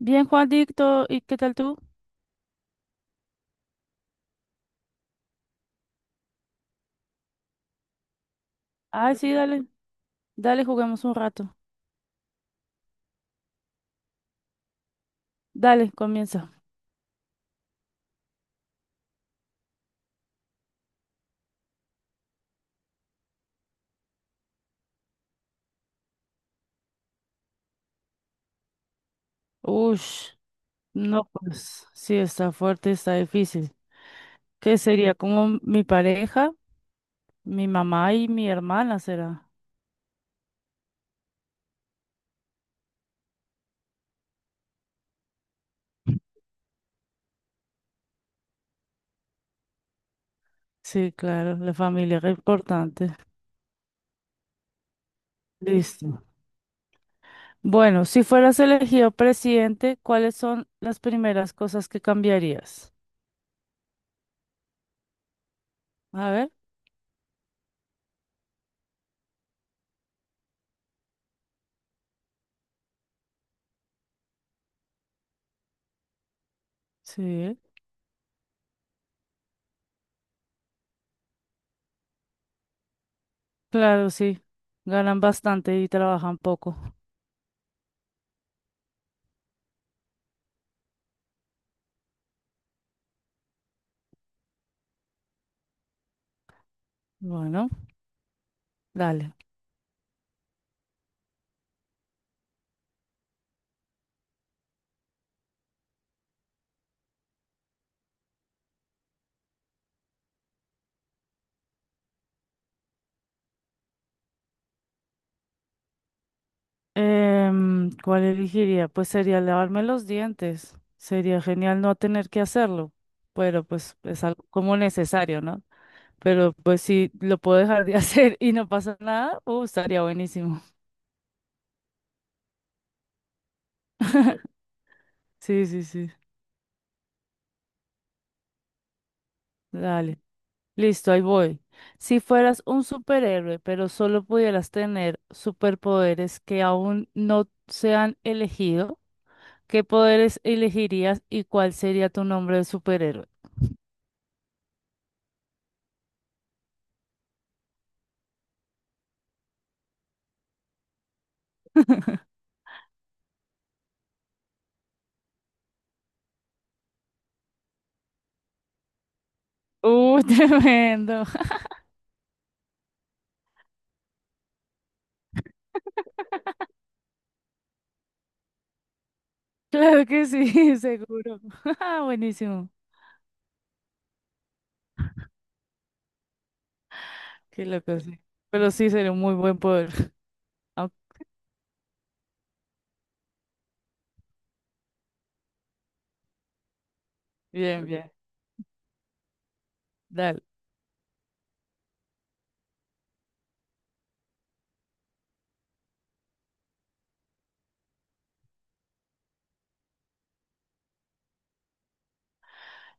Bien, Juandicto, ¿y qué tal tú? Ay, sí, dale, dale, juguemos un rato. Dale, comienza. Ush, no, pues sí, está fuerte, está difícil. ¿Qué sería? Como mi pareja, mi mamá y mi hermana será. Sí, claro, la familia es importante. Listo. Bueno, si fueras elegido presidente, ¿cuáles son las primeras cosas que cambiarías? A ver, sí, claro, sí. Ganan bastante y trabajan poco. Bueno, dale. ¿Cuál elegiría? Pues sería lavarme los dientes. Sería genial no tener que hacerlo, pero pues es algo como necesario, ¿no? Pero pues si lo puedo dejar de hacer y no pasa nada, estaría buenísimo. Sí, sí, sí. Dale. Listo, ahí voy. Si fueras un superhéroe, pero solo pudieras tener superpoderes que aún no se han elegido, ¿qué poderes elegirías y cuál sería tu nombre de superhéroe? Tremendo. Claro que sí, seguro. Ah, buenísimo. Qué loco, sí. Pero sí, sería un muy buen poder. Ah, bien, bien. Dale.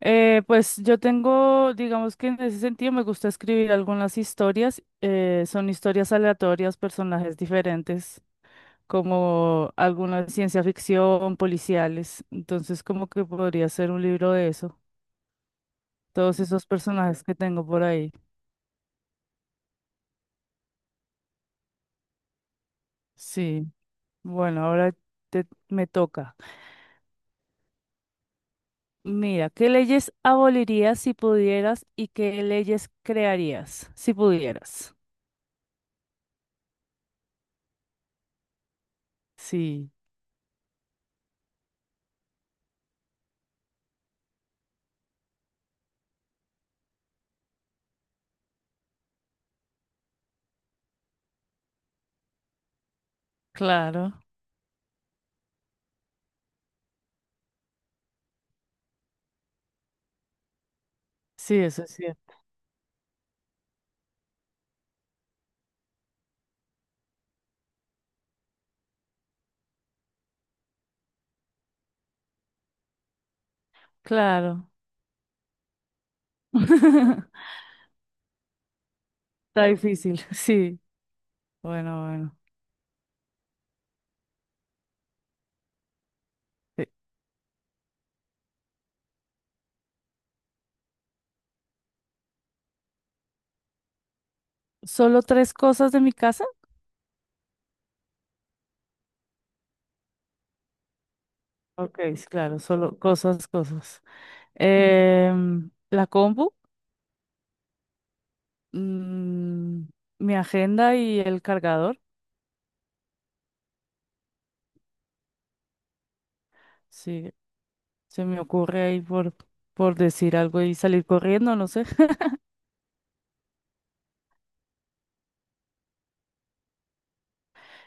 Pues yo tengo, digamos que en ese sentido me gusta escribir algunas historias. Son historias aleatorias, personajes diferentes, como algunas de ciencia ficción, policiales. Entonces, como que podría ser un libro de eso. Todos esos personajes que tengo por ahí. Sí. Bueno, ahora me toca. Mira, ¿qué leyes abolirías si pudieras y qué leyes crearías si pudieras? Sí, claro. Sí, eso es cierto. Claro. Está difícil. Sí. Bueno, bueno. Sí. ¿Solo tres cosas de mi casa? Ok, sí, claro, solo cosas, cosas. La compu, mm, mi agenda y el cargador. Sí, se me ocurre ahí por decir algo y salir corriendo, no sé.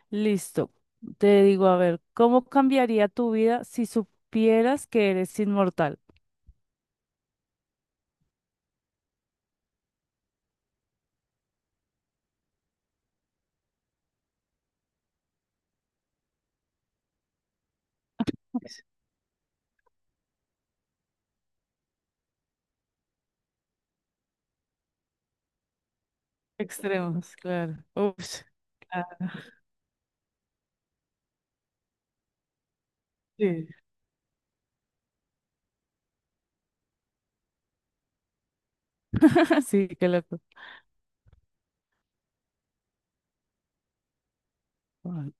Listo. Te digo, a ver, ¿cómo cambiaría tu vida si supieras que eres inmortal? Extremos, claro. Ups. Ah, sí. Sí, qué loco. Ay.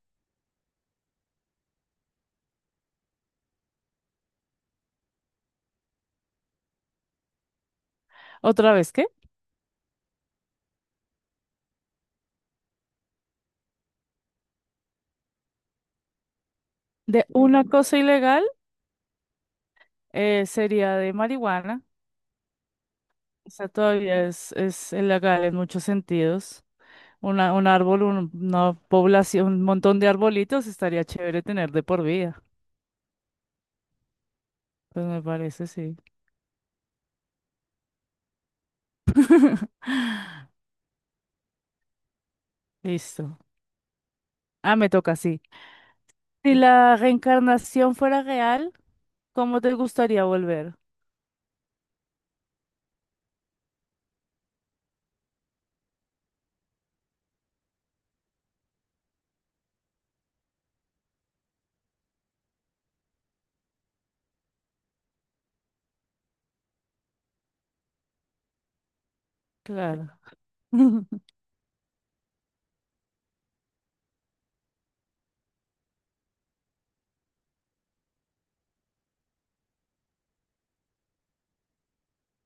Otra vez, ¿qué? De una cosa ilegal, sería de marihuana. O sea, todavía es ilegal en muchos sentidos. Un árbol, una población, un montón de arbolitos estaría chévere tener de por vida. Pues me parece, sí. Listo. Ah, me toca, sí. Si la reencarnación fuera real, ¿cómo te gustaría volver? Claro.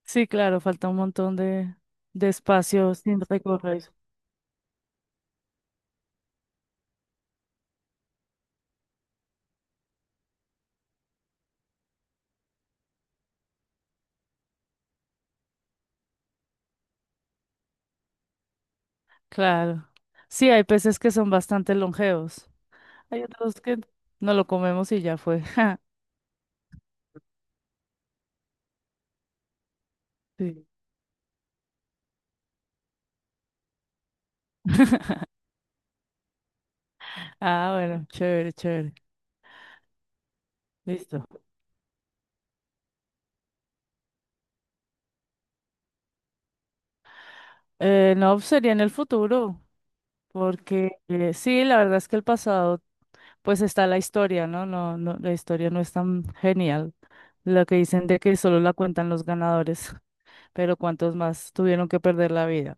Sí, claro, falta un montón de espacio sin recorrer. Claro. Sí, hay peces que son bastante longevos. Hay otros que no lo comemos y ya fue. Sí. Ah, bueno, chévere, chévere. Listo. No, sería en el futuro, porque sí, la verdad es que el pasado pues está la historia, ¿no? No, no, la historia no es tan genial. Lo que dicen de que solo la cuentan los ganadores, pero cuántos más tuvieron que perder la vida.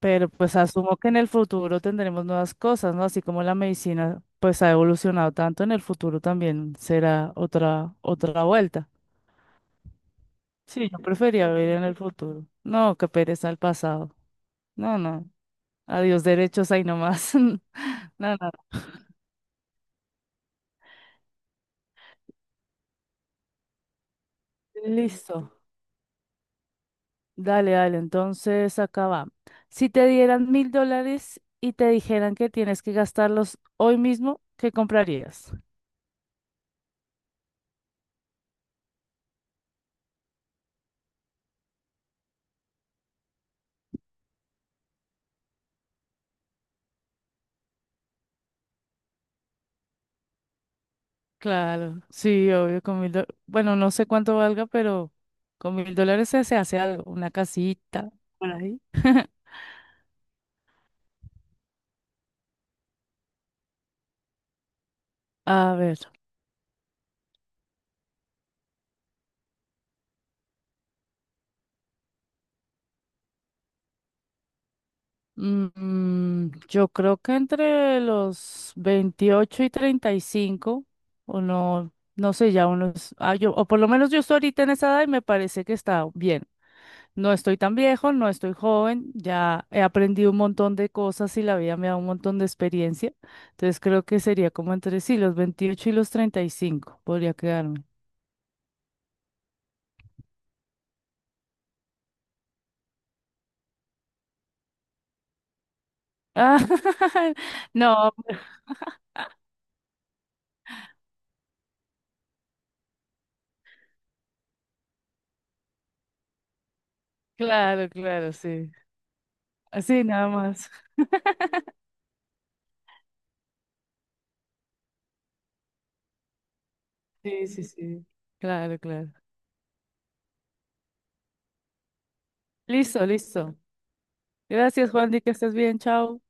Pero pues asumo que en el futuro tendremos nuevas cosas, ¿no? Así como la medicina pues ha evolucionado tanto, en el futuro también será otra vuelta. Sí, yo prefería vivir en el futuro. No, qué pereza el pasado. No, no. Adiós derechos ahí nomás. No, no. Listo. Dale, dale, entonces acá va. Si te dieran 1000 dólares y te dijeran que tienes que gastarlos hoy mismo, ¿qué comprarías? Claro, sí, obvio, con 1000 dólares. Bueno, no sé cuánto valga, pero con 1000 dólares se hace algo, una casita por ahí. A ver, yo creo que entre los 28 y 35 o no, no sé, ya unos, yo, o por lo menos yo estoy ahorita en esa edad y me parece que está bien. No estoy tan viejo, no estoy joven, ya he aprendido un montón de cosas y la vida me da un montón de experiencia. Entonces creo que sería como entre sí, los 28 y los 35 podría quedarme. Ah, no, pues, claro, claro, sí. Así nada más. Sí, sí, sí. Claro, claro. Listo, listo. Gracias, Juan, que estés bien, chao.